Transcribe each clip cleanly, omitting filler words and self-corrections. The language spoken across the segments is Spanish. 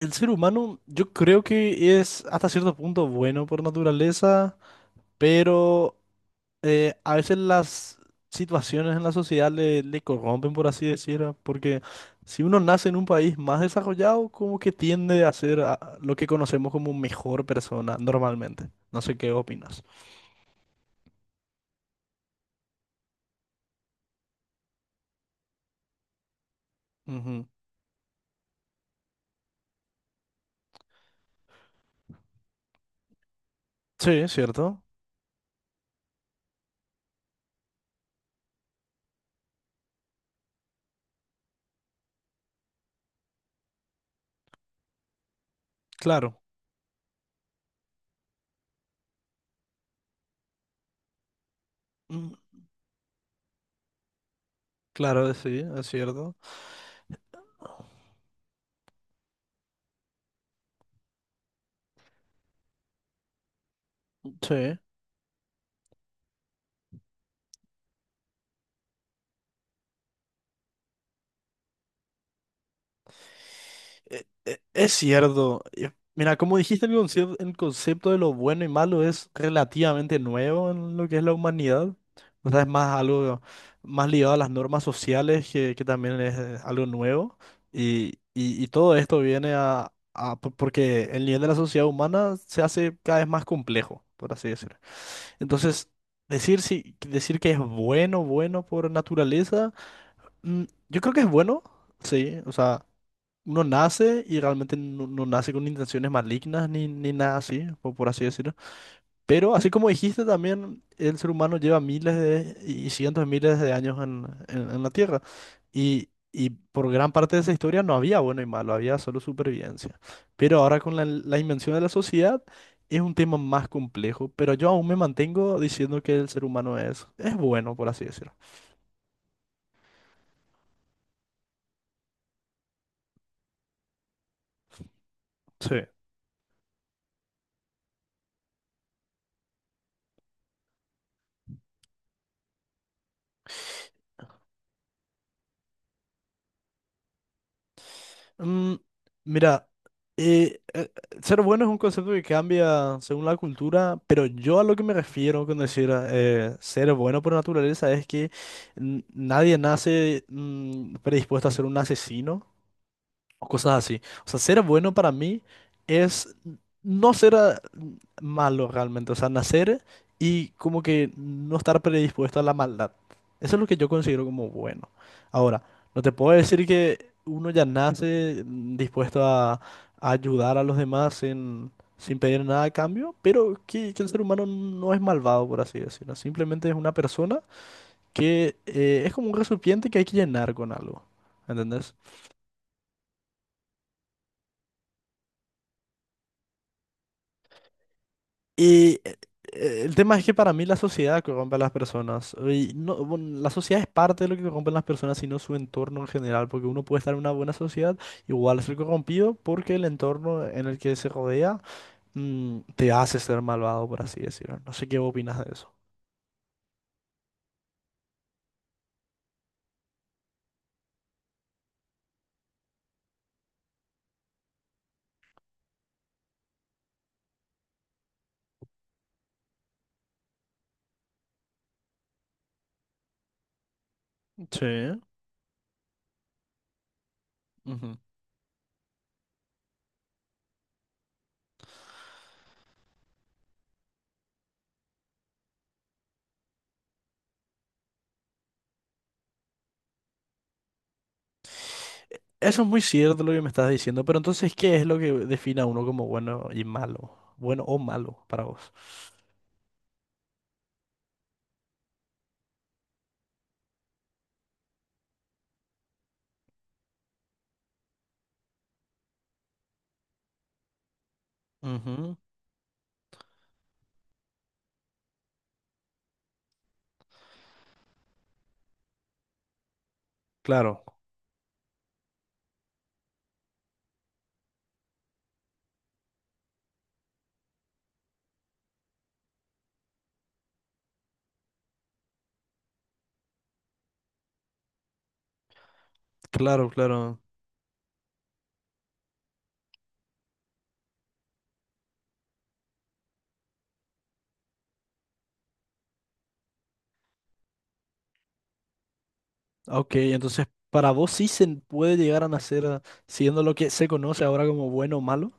El ser humano, yo creo que es hasta cierto punto bueno por naturaleza, pero a veces las situaciones en la sociedad le corrompen, por así decirlo, porque si uno nace en un país más desarrollado, como que tiende a ser lo que conocemos como mejor persona normalmente. No sé qué opinas. Ujú. Sí, es cierto. Claro. Mm, claro, sí, es cierto. Sí. Es cierto. Mira, como dijiste, el concepto de lo bueno y malo es relativamente nuevo en lo que es la humanidad. O sea, es más algo más ligado a las normas sociales, que también es algo nuevo. Y, y todo esto viene porque el nivel de la sociedad humana se hace cada vez más complejo, por así decirlo. Entonces, decir, si, decir que es bueno, bueno por naturaleza, mm, yo creo que es bueno, sí. O sea uno nace y realmente no, no nace con intenciones malignas ni, ni nada así, por así decirlo. Pero así como dijiste también, el ser humano lleva miles de, y cientos de miles de años en, en la Tierra. Y por gran parte de esa historia no había bueno y malo, había solo supervivencia. Pero ahora con la, la invención de la sociedad es un tema más complejo, pero yo aún me mantengo diciendo que el ser humano es bueno, por así decirlo. Sí. Mm, mira, eh, eh, ser bueno es un concepto que cambia según la cultura, pero yo a lo que me refiero con decir ser bueno por naturaleza es que nadie nace predispuesto a ser un asesino o cosas así. O sea, ser bueno para mí es no ser malo realmente, o sea, nacer y como que no estar predispuesto a la maldad. Eso es lo que yo considero como bueno. Ahora, no te puedo decir que uno ya nace dispuesto a ayudar a los demás sin, sin pedir nada a cambio, pero que el ser humano no es malvado, por así decirlo. Simplemente es una persona que es como un recipiente que hay que llenar con algo. ¿Entendés? Y el tema es que para mí la sociedad corrompe a las personas. Y no, bueno, la sociedad es parte de lo que corrompen las personas, sino su entorno en general. Porque uno puede estar en una buena sociedad, igual ser corrompido, porque el entorno en el que se rodea te hace ser malvado, por así decirlo. No sé qué opinas de eso. Sí. Ujú. Eso es muy cierto lo que me estás diciendo, pero entonces, ¿qué es lo que define a uno como bueno y malo? Bueno o malo para vos. Ujú. Claro, claro, claro. Ok, entonces para vos sí se puede llegar a nacer siendo lo que se conoce ahora como bueno o malo.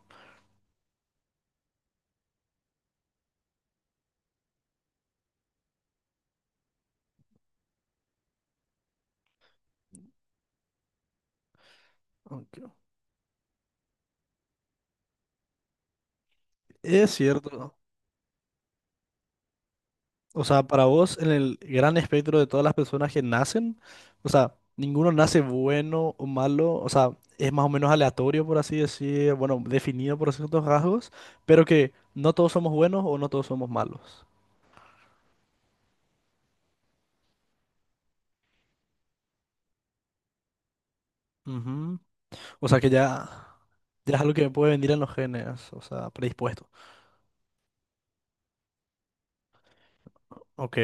Ok. Es cierto. O sea, para vos, en el gran espectro de todas las personas que nacen, o sea, ninguno nace bueno o malo, o sea, es más o menos aleatorio, por así decir, bueno, definido por ciertos rasgos, pero que no todos somos buenos o no todos somos malos. Ujú. O sea, que ya, ya es algo que puede venir en los genes, o sea, predispuesto. Ok.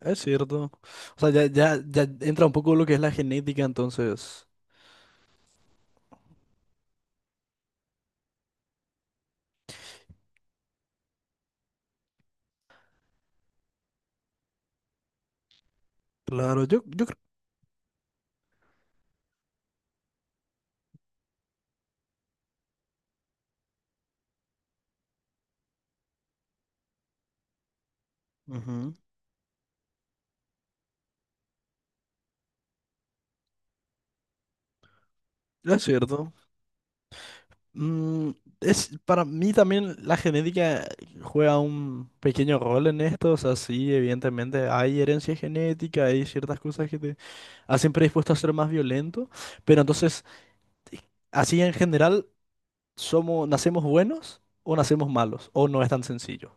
Es cierto. O sea, ya, ya, ya entra un poco lo que es la genética, entonces. Claro, yo creo. Ujú. Es cierto. Mm, es, para mí también la genética juega un pequeño rol en esto. O sea, sí, evidentemente hay herencia genética, hay ciertas cosas que te hacen predispuesto a ser más violento. Pero entonces, así en general. ¿Somos, nacemos buenos o nacemos malos? ¿O no es tan sencillo?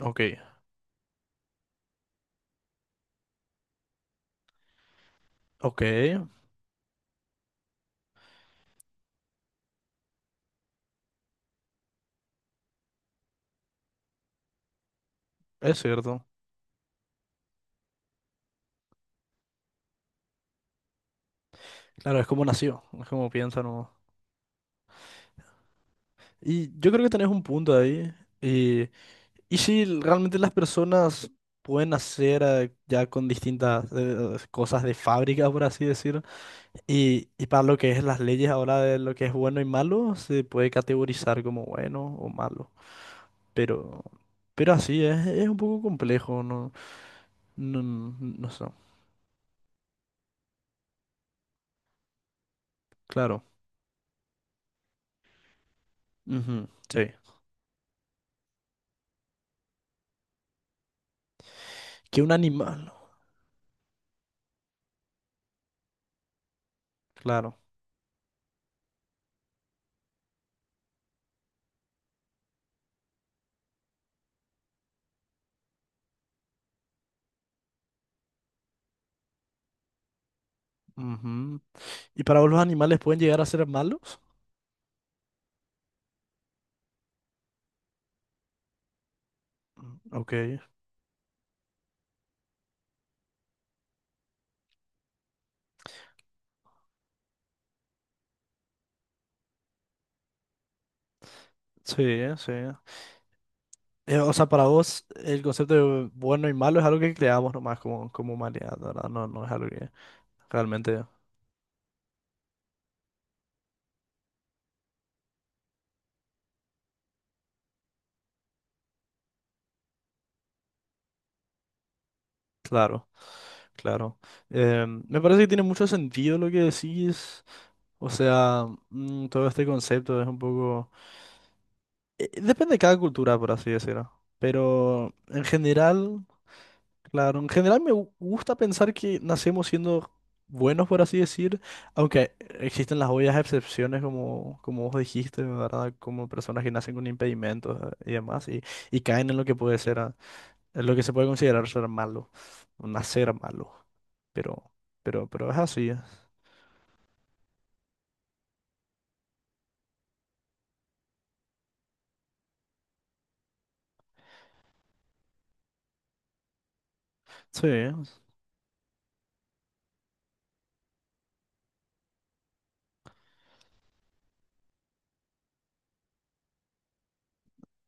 Ok, ok, es cierto. Claro, es como nació, es como piensa, ¿no? Y yo creo que tenés un punto ahí. Y, y si realmente las personas pueden nacer ya con distintas cosas de fábrica, por así decir. Y para lo que es las leyes ahora de lo que es bueno y malo, se puede categorizar como bueno o malo. Pero, pero así es un poco complejo, ¿no? No, no, no sé. Claro. Ujú, sí. Que un animal. Claro. Ujú. ¿Y para vos los animales pueden llegar a ser malos? Mm, ok. Sí, sí. O sea, para vos el concepto de bueno y malo es algo que creamos nomás como, como humanidad, ¿verdad? No, no es algo que realmente... Claro, claro. Me parece que tiene mucho sentido lo que decís. O sea, todo este concepto es un poco... depende de cada cultura, por así decirlo. Pero en general... Claro, en general gusta pensar que nacemos siendo buenos, por así decir, aunque existen las obvias excepciones, como, como vos dijiste, ¿verdad? Como personas que nacen con impedimentos y demás, y caen en lo que puede ser, en lo que se puede considerar ser malo, o nacer malo, pero, pero es así, sí.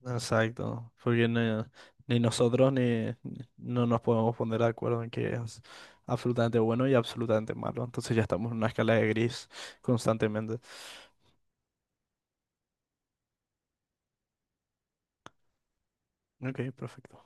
Exacto, porque ni, ni nosotros ni no nos podemos poner de acuerdo en que es absolutamente bueno y absolutamente malo. Entonces ya estamos en una escala de gris constantemente. Ok, perfecto.